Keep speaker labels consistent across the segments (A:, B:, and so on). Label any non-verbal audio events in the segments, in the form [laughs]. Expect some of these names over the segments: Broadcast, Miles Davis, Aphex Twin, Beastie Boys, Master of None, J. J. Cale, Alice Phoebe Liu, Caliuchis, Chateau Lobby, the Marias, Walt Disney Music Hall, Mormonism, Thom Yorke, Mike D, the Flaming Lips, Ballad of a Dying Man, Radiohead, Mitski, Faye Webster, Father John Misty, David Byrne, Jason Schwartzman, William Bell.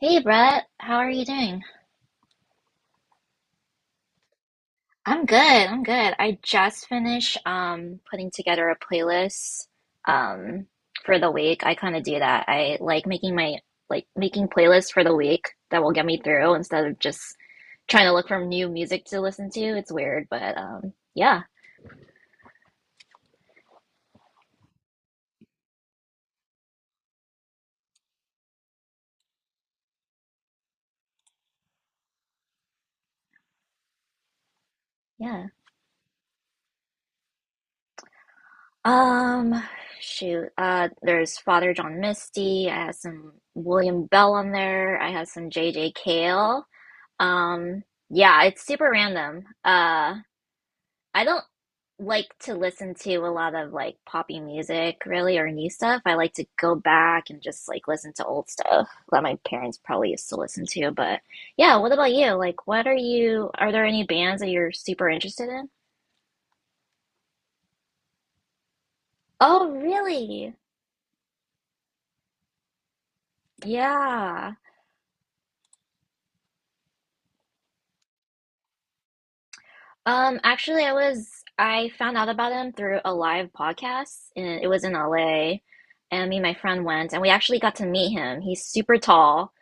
A: Hey Brett, how are you doing? I'm good. I'm good. I just finished putting together a playlist um for the week. I kind of do that. I like making my like making playlists for the week that will get me through instead of just trying to look for new music to listen to. It's weird, but yeah. Yeah. Um Shoot. There's Father John Misty. I have some William Bell on there. I have some J J. Cale. Um, yeah, it's super random. I don't like to listen to a lot of like poppy music really or new stuff. I like to go back and just like listen to old stuff that my parents probably used to listen to. But yeah, what about you? Like, are there any bands that you're super interested in? Oh, really? Yeah. Actually, I found out about him through a live podcast, and it was in LA. And me and my friend went, and we actually got to meet him. He's super tall,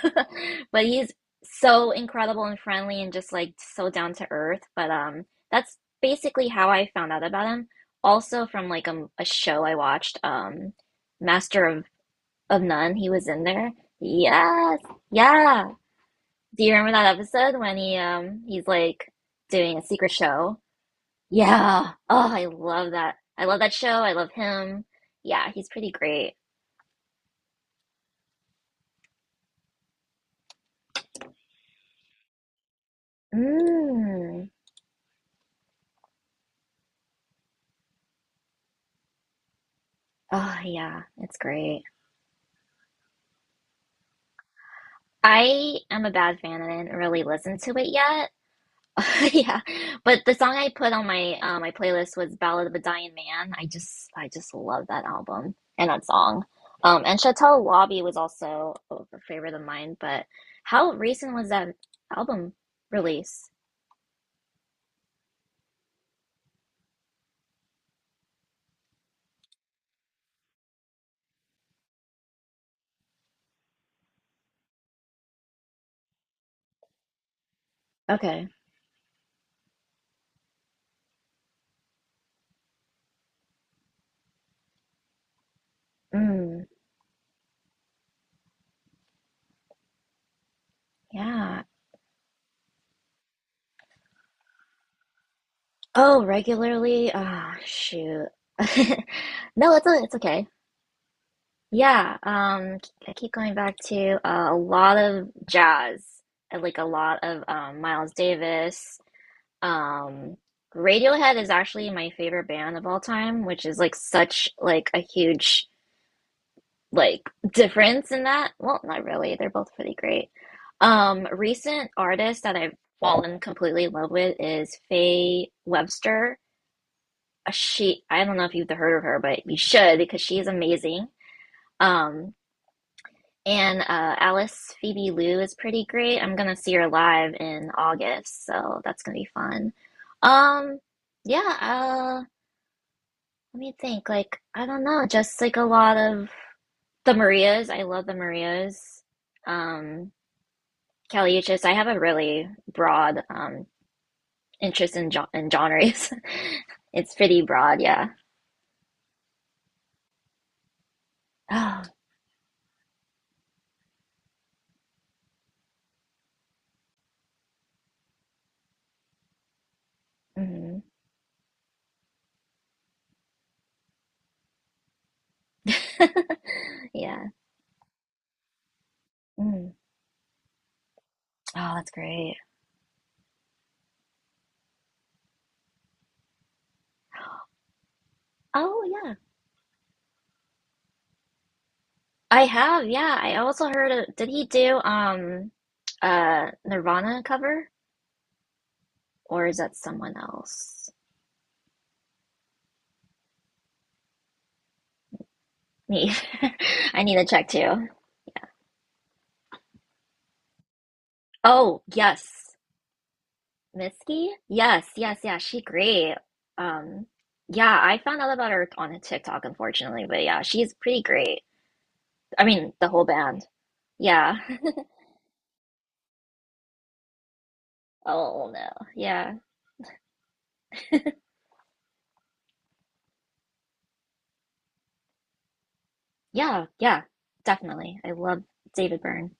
A: [laughs] but he's so incredible and friendly, and just like so down to earth. But that's basically how I found out about him. Also from like a show I watched, Master of None. He was in there. Yes, yeah. Do you remember that episode when he's like doing a secret show? Yeah. Oh, I love that. I love that show. I love him. Yeah, he's pretty great. Mm. Oh, yeah, it's great. I am a bad fan and I didn't really listen to it yet. [laughs] Yeah, but the song I put on my my playlist was "Ballad of a Dying Man." I just love that album and that song. And Chateau Lobby was also a favorite of mine. But how recent was that album release? Okay. Mm, yeah. Oh, regularly? Ah, shoot. [laughs] No, it's okay. Yeah, I keep going back to a lot of jazz, and, like a lot of Miles Davis. Um, Radiohead is actually my favorite band of all time, which is like a huge like difference in that. Well, not really. They're both pretty great. Recent artist that I've fallen completely in love with is Faye Webster. She, I don't know if you've heard of her, but you should because she's amazing. Um, and Alice Phoebe Liu is pretty great. I'm gonna see her live in August, so that's gonna be fun. Um, yeah. Uh, let me think. Like I don't know, just like a lot of the Marias. I love the Marias. Um, Caliuchis. I have a really broad interest in in genres. [laughs] It's pretty broad, yeah. Oh, mhm. [laughs] Yeah. Mm. Oh, that's great. Oh, yeah. I have, yeah. I also heard of, did he do Nirvana cover or is that someone else? Me. [laughs] I need to check too. Oh, yes. Mitski? Yes, yes, yeah. She great. Um yeah, I found out about her on a TikTok unfortunately, but yeah, she's pretty great. I mean, the whole band. Yeah. [laughs] Oh no. Yeah. Yeah, yeah. Definitely. I love David Byrne.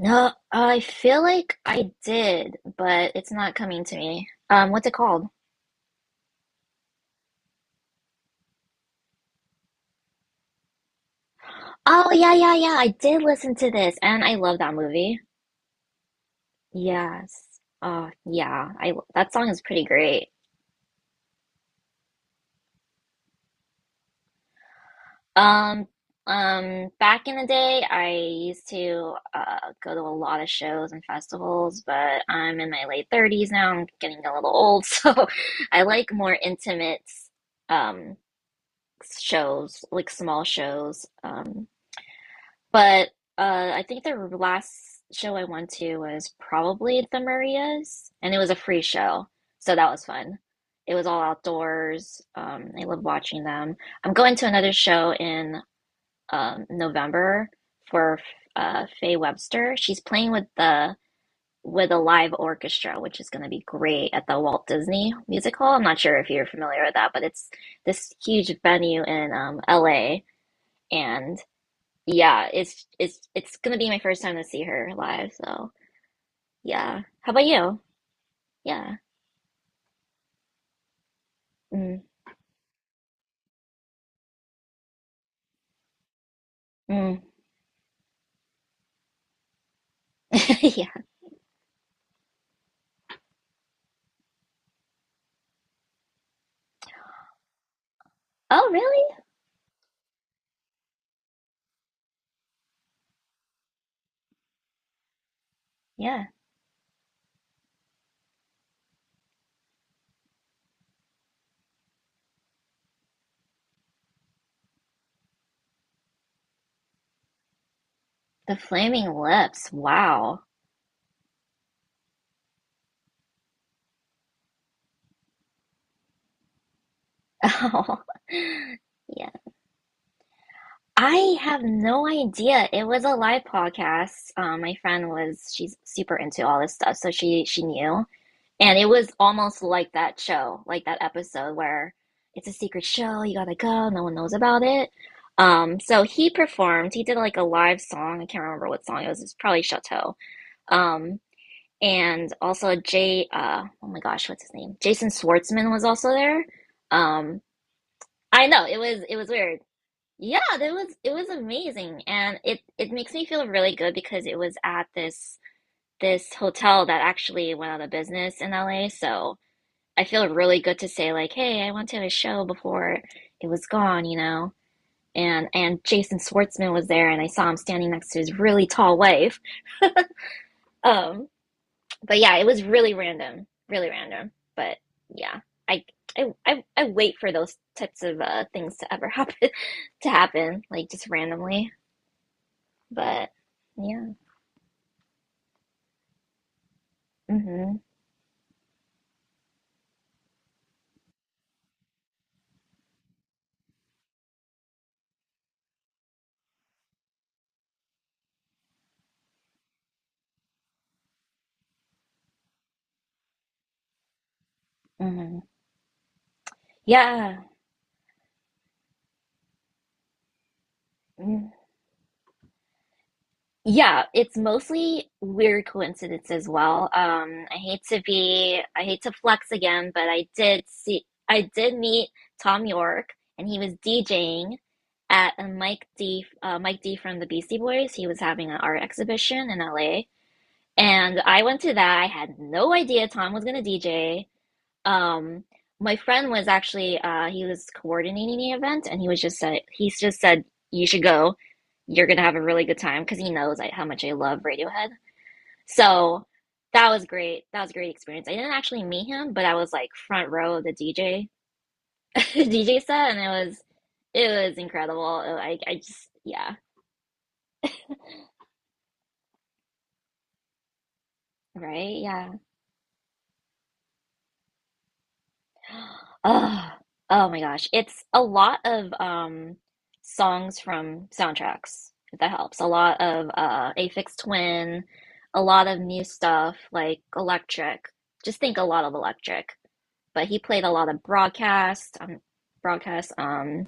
A: No, I feel like I did, but it's not coming to me. What's it called? Oh, yeah, yeah, yeah. I did listen to this, and I love that movie. Yes. Yeah. I that song is pretty great. Um, back in the day, I used to go to a lot of shows and festivals, but I'm in my late 30s now. I'm getting a little old, [laughs] so I like more intimate um shows, like small shows. Um, but I think the last show I went to was probably the Marias, and it was a free show, so that was fun. It was all outdoors. I love watching them. I'm going to another show in November for Faye Webster. She's playing with the with a live orchestra, which is going to be great at the Walt Disney Music Hall. I'm not sure if you're familiar with that, but it's this huge venue in LA. Yeah, it's gonna be my first time to see her live, so yeah. How about you? Yeah. Mm, mm. [laughs] Yeah. Oh, really? Yeah. The Flaming Lips. Wow. [laughs] Oh. Yeah. I have no idea. It was a live podcast. My friend was she's super into all this stuff, so she knew. And it was almost like that show, like that episode where it's a secret show, you gotta go, no one knows about it. So he performed, he did like a live song, I can't remember what song it was, it's probably Chateau. Um, and also oh my gosh, what's his name? Jason Schwartzman was also there. Um, I know, it was weird. Yeah, it was amazing. And it makes me feel really good because it was at this hotel that actually went out of business in LA. So, I feel really good to say like, hey, I went to a show before it was gone, you know. And Jason Schwartzman was there, and I saw him standing next to his really tall wife. Um, but yeah, it was really random, really random. But yeah, I I wait for those types of things to ever happen [laughs] to happen, like just randomly. But yeah, mm-hmm, mm-hmm. Yeah. Mm. Yeah, it's mostly weird coincidence as well. I hate to flex again, but I did meet Tom York, and he was DJing at a Mike D from the Beastie Boys. He was having an art exhibition in LA, and I went to that. I had no idea Tom was gonna DJ. Um, my friend was actually he was coordinating the event, and he just said you should go. You're gonna have a really good time because he knows like, how much I love Radiohead. So that was great. That was a great experience. I didn't actually meet him, but I was like front row of the DJ [laughs] set, and it was incredible. Oh, I just yeah. Right, yeah. Oh, oh my gosh. It's a lot of songs from soundtracks, if that helps. A lot of Aphex Twin, a lot of new stuff like Electric. Just think a lot of Electric. But he played a lot of Broadcast, Broadcast.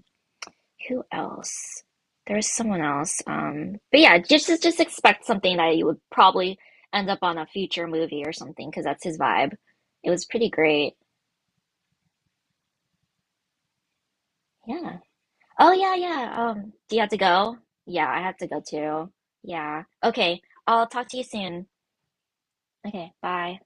A: Who else? There was someone else. Um, but yeah, just expect something that you would probably end up on a future movie or something because that's his vibe. It was pretty great. Yeah. Oh yeah, yeah. Do you have to go? Yeah, I have to go too. Yeah. Okay, I'll talk to you soon. Okay, bye.